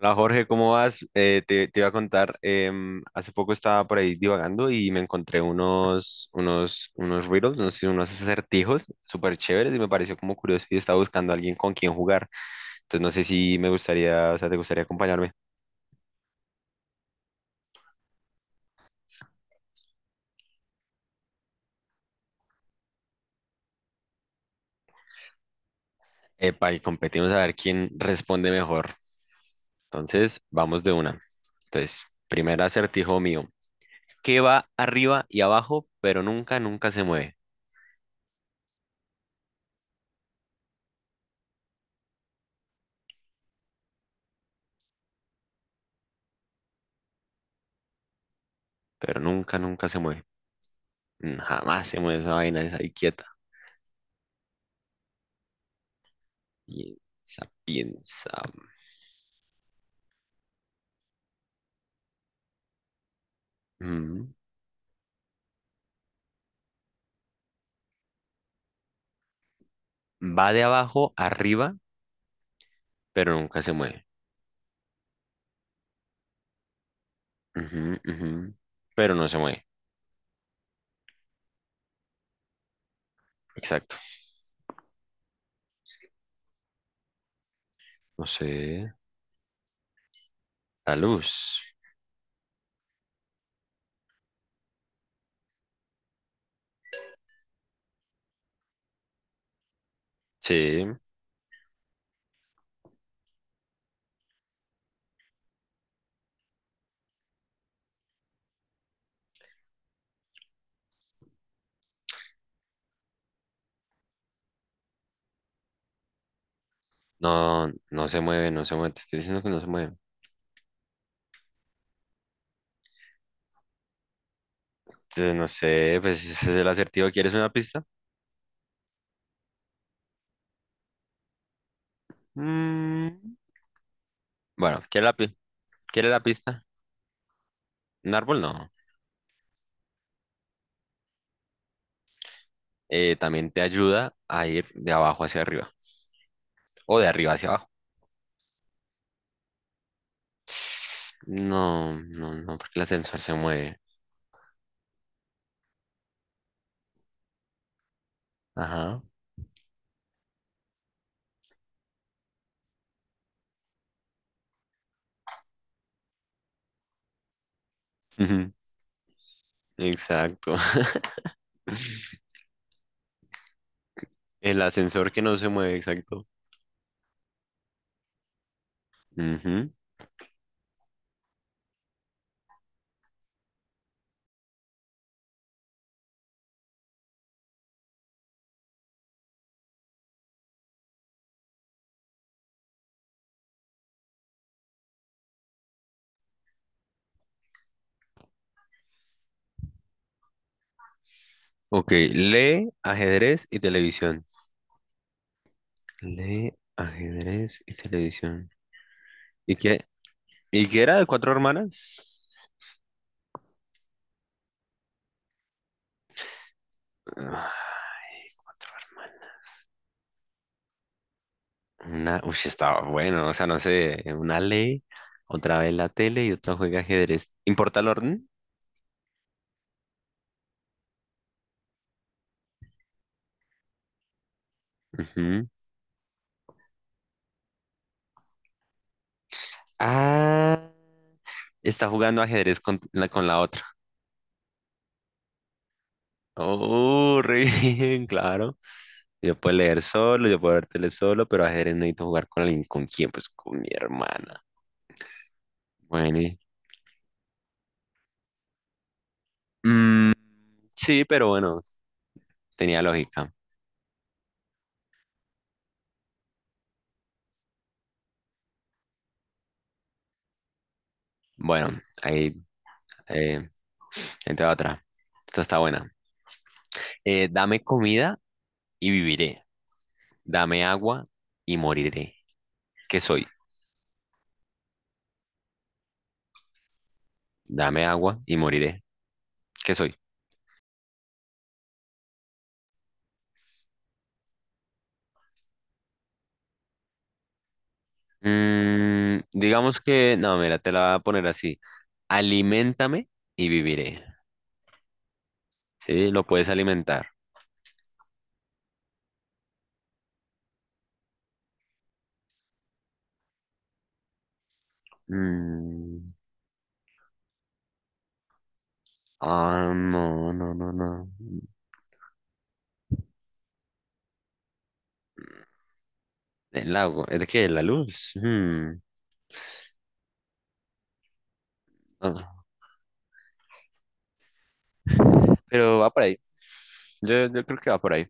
Hola Jorge, ¿cómo vas? Te iba a contar, hace poco estaba por ahí divagando y me encontré unos riddles, no sé, si unos acertijos súper chéveres y me pareció como curioso y estaba buscando a alguien con quien jugar. Entonces no sé si me gustaría, o sea, te gustaría acompañarme. Epa, y competimos a ver quién responde mejor. Entonces, vamos de una. Entonces, primer acertijo mío. ¿Qué va arriba y abajo, pero nunca, nunca se mueve? Pero nunca, nunca se mueve. Mm, jamás se mueve esa vaina, esa ahí quieta. Piensa, piensa. Ujú. Va de abajo arriba, pero nunca se mueve. Ujú, ujú. Pero no se mueve. Exacto. No sé. La luz. Sí. No, no se mueve, no se mueve. Te estoy diciendo que no se mueve. Entonces, no sé, pues ese es el acertijo. ¿Quieres una pista? Mm, bueno, ¿quieres la pista? Un árbol no. También te ayuda a ir de abajo hacia arriba. O de arriba hacia abajo. No, no, no, porque el ascensor se mueve. Ajá. Exacto. El ascensor que no se mueve, exacto. Ujú. Ok, lee, ajedrez y televisión. Lee, ajedrez y televisión. ¿Y qué? ¿Y qué era de cuatro hermanas? Ah, cuatro hermanas. Una, uy, estaba bueno, o sea, no sé, una lee, otra ve la tele y otra juega ajedrez. ¿Importa el orden? Ujú. Ah, está jugando ajedrez con la otra. Oh, re bien, claro. Yo puedo leer solo, yo puedo ver tele solo, pero ajedrez necesito jugar con alguien. ¿Con quién? Pues con mi hermana. Bueno, mm, sí, pero bueno, tenía lógica. Bueno, ahí, eh, ahí te va otra. Esta está buena. Dame comida y viviré. Dame agua y moriré. ¿Qué soy? Dame agua y moriré. ¿Qué soy? Mm, digamos que, no, mira, te la voy a poner así. Aliméntame y viviré. Sí, lo puedes alimentar. Mm, ah, no, no, no, no. El lago, ¿es de qué? ¿La luz? Hmm, no. Pero va por ahí. Yo creo que va por ahí.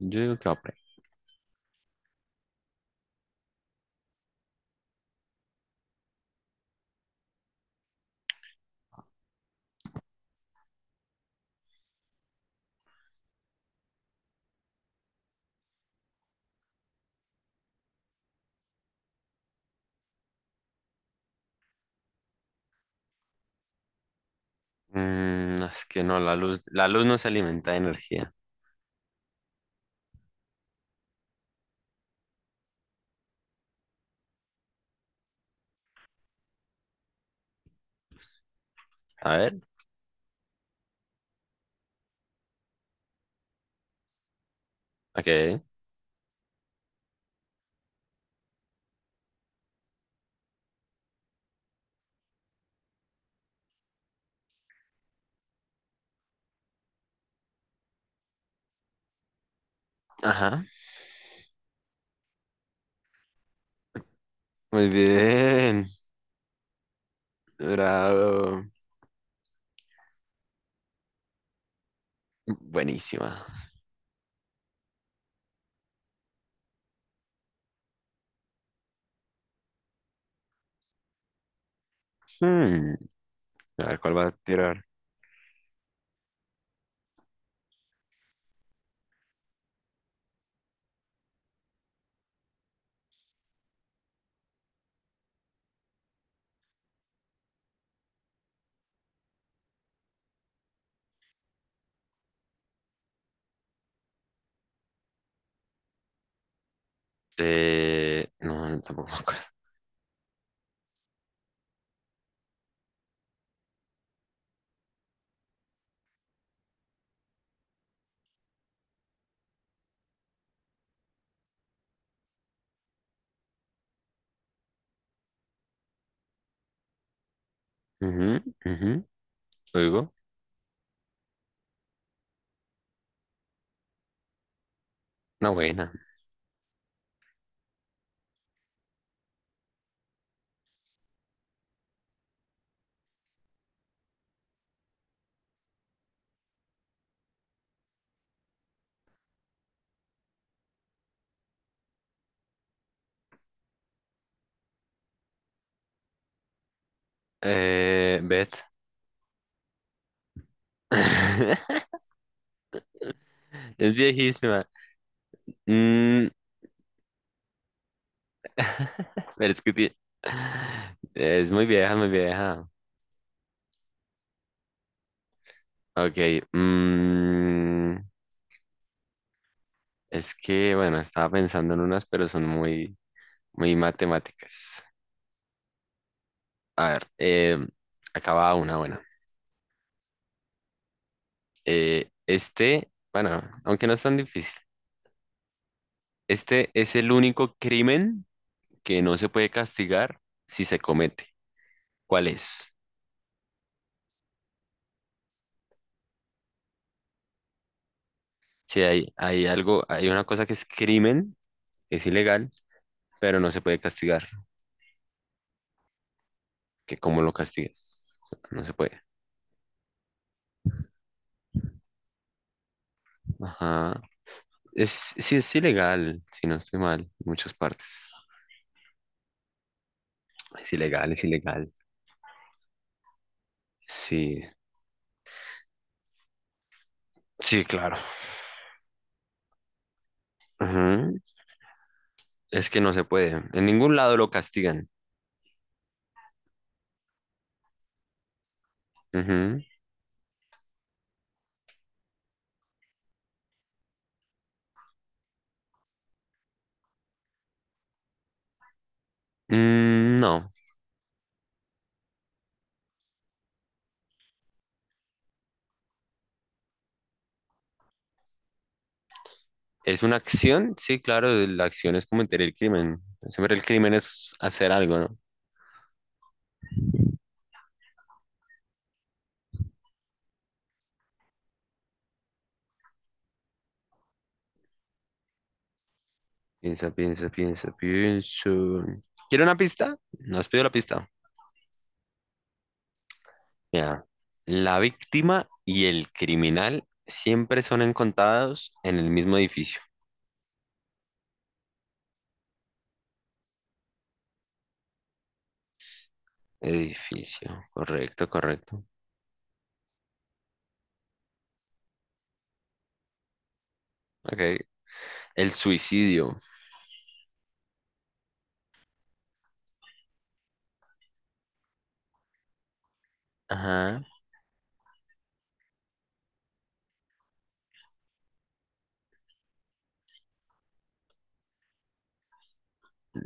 Yo digo que va por ahí. Mm, es que no, la luz no se alimenta de energía. A ver, ok. Ajá. Muy bien. Bravo. Buenísima. Hmm, a ver, ¿cuál va a tirar? No, no, tampoco me acuerdo. Ujú, ujú. Oigo. Una buena. Beth. Es viejísima. Mm, Pero es que ti- es muy vieja, muy vieja. Ok, mm, es que, bueno, estaba pensando en unas, pero son muy, muy matemáticas. A ver, acaba una, bueno. Este, bueno, aunque no es tan difícil, este es el único crimen que no se puede castigar si se comete. ¿Cuál es? Si hay, hay algo, hay una cosa que es crimen, es ilegal, pero no se puede castigar. Que cómo lo castigas. O sea, no se puede. Ajá. Es, sí, es ilegal, si no estoy mal, en muchas partes. Es ilegal, es ilegal. Sí, sí, claro. Ujú. Es que no se puede. En ningún lado lo castigan. Ujú. Mm, no. ¿Es una acción? Sí, claro, la acción es cometer el crimen. Siempre el crimen es hacer algo, ¿no? Piensa, piensa, piensa, piensa. ¿Quiere una pista? No has pedido la pista. Mira, la víctima y el criminal siempre son encontrados en el mismo edificio. Edificio, correcto, correcto. Ok. El suicidio. Ajá.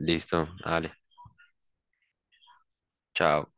Listo, vale. Chao.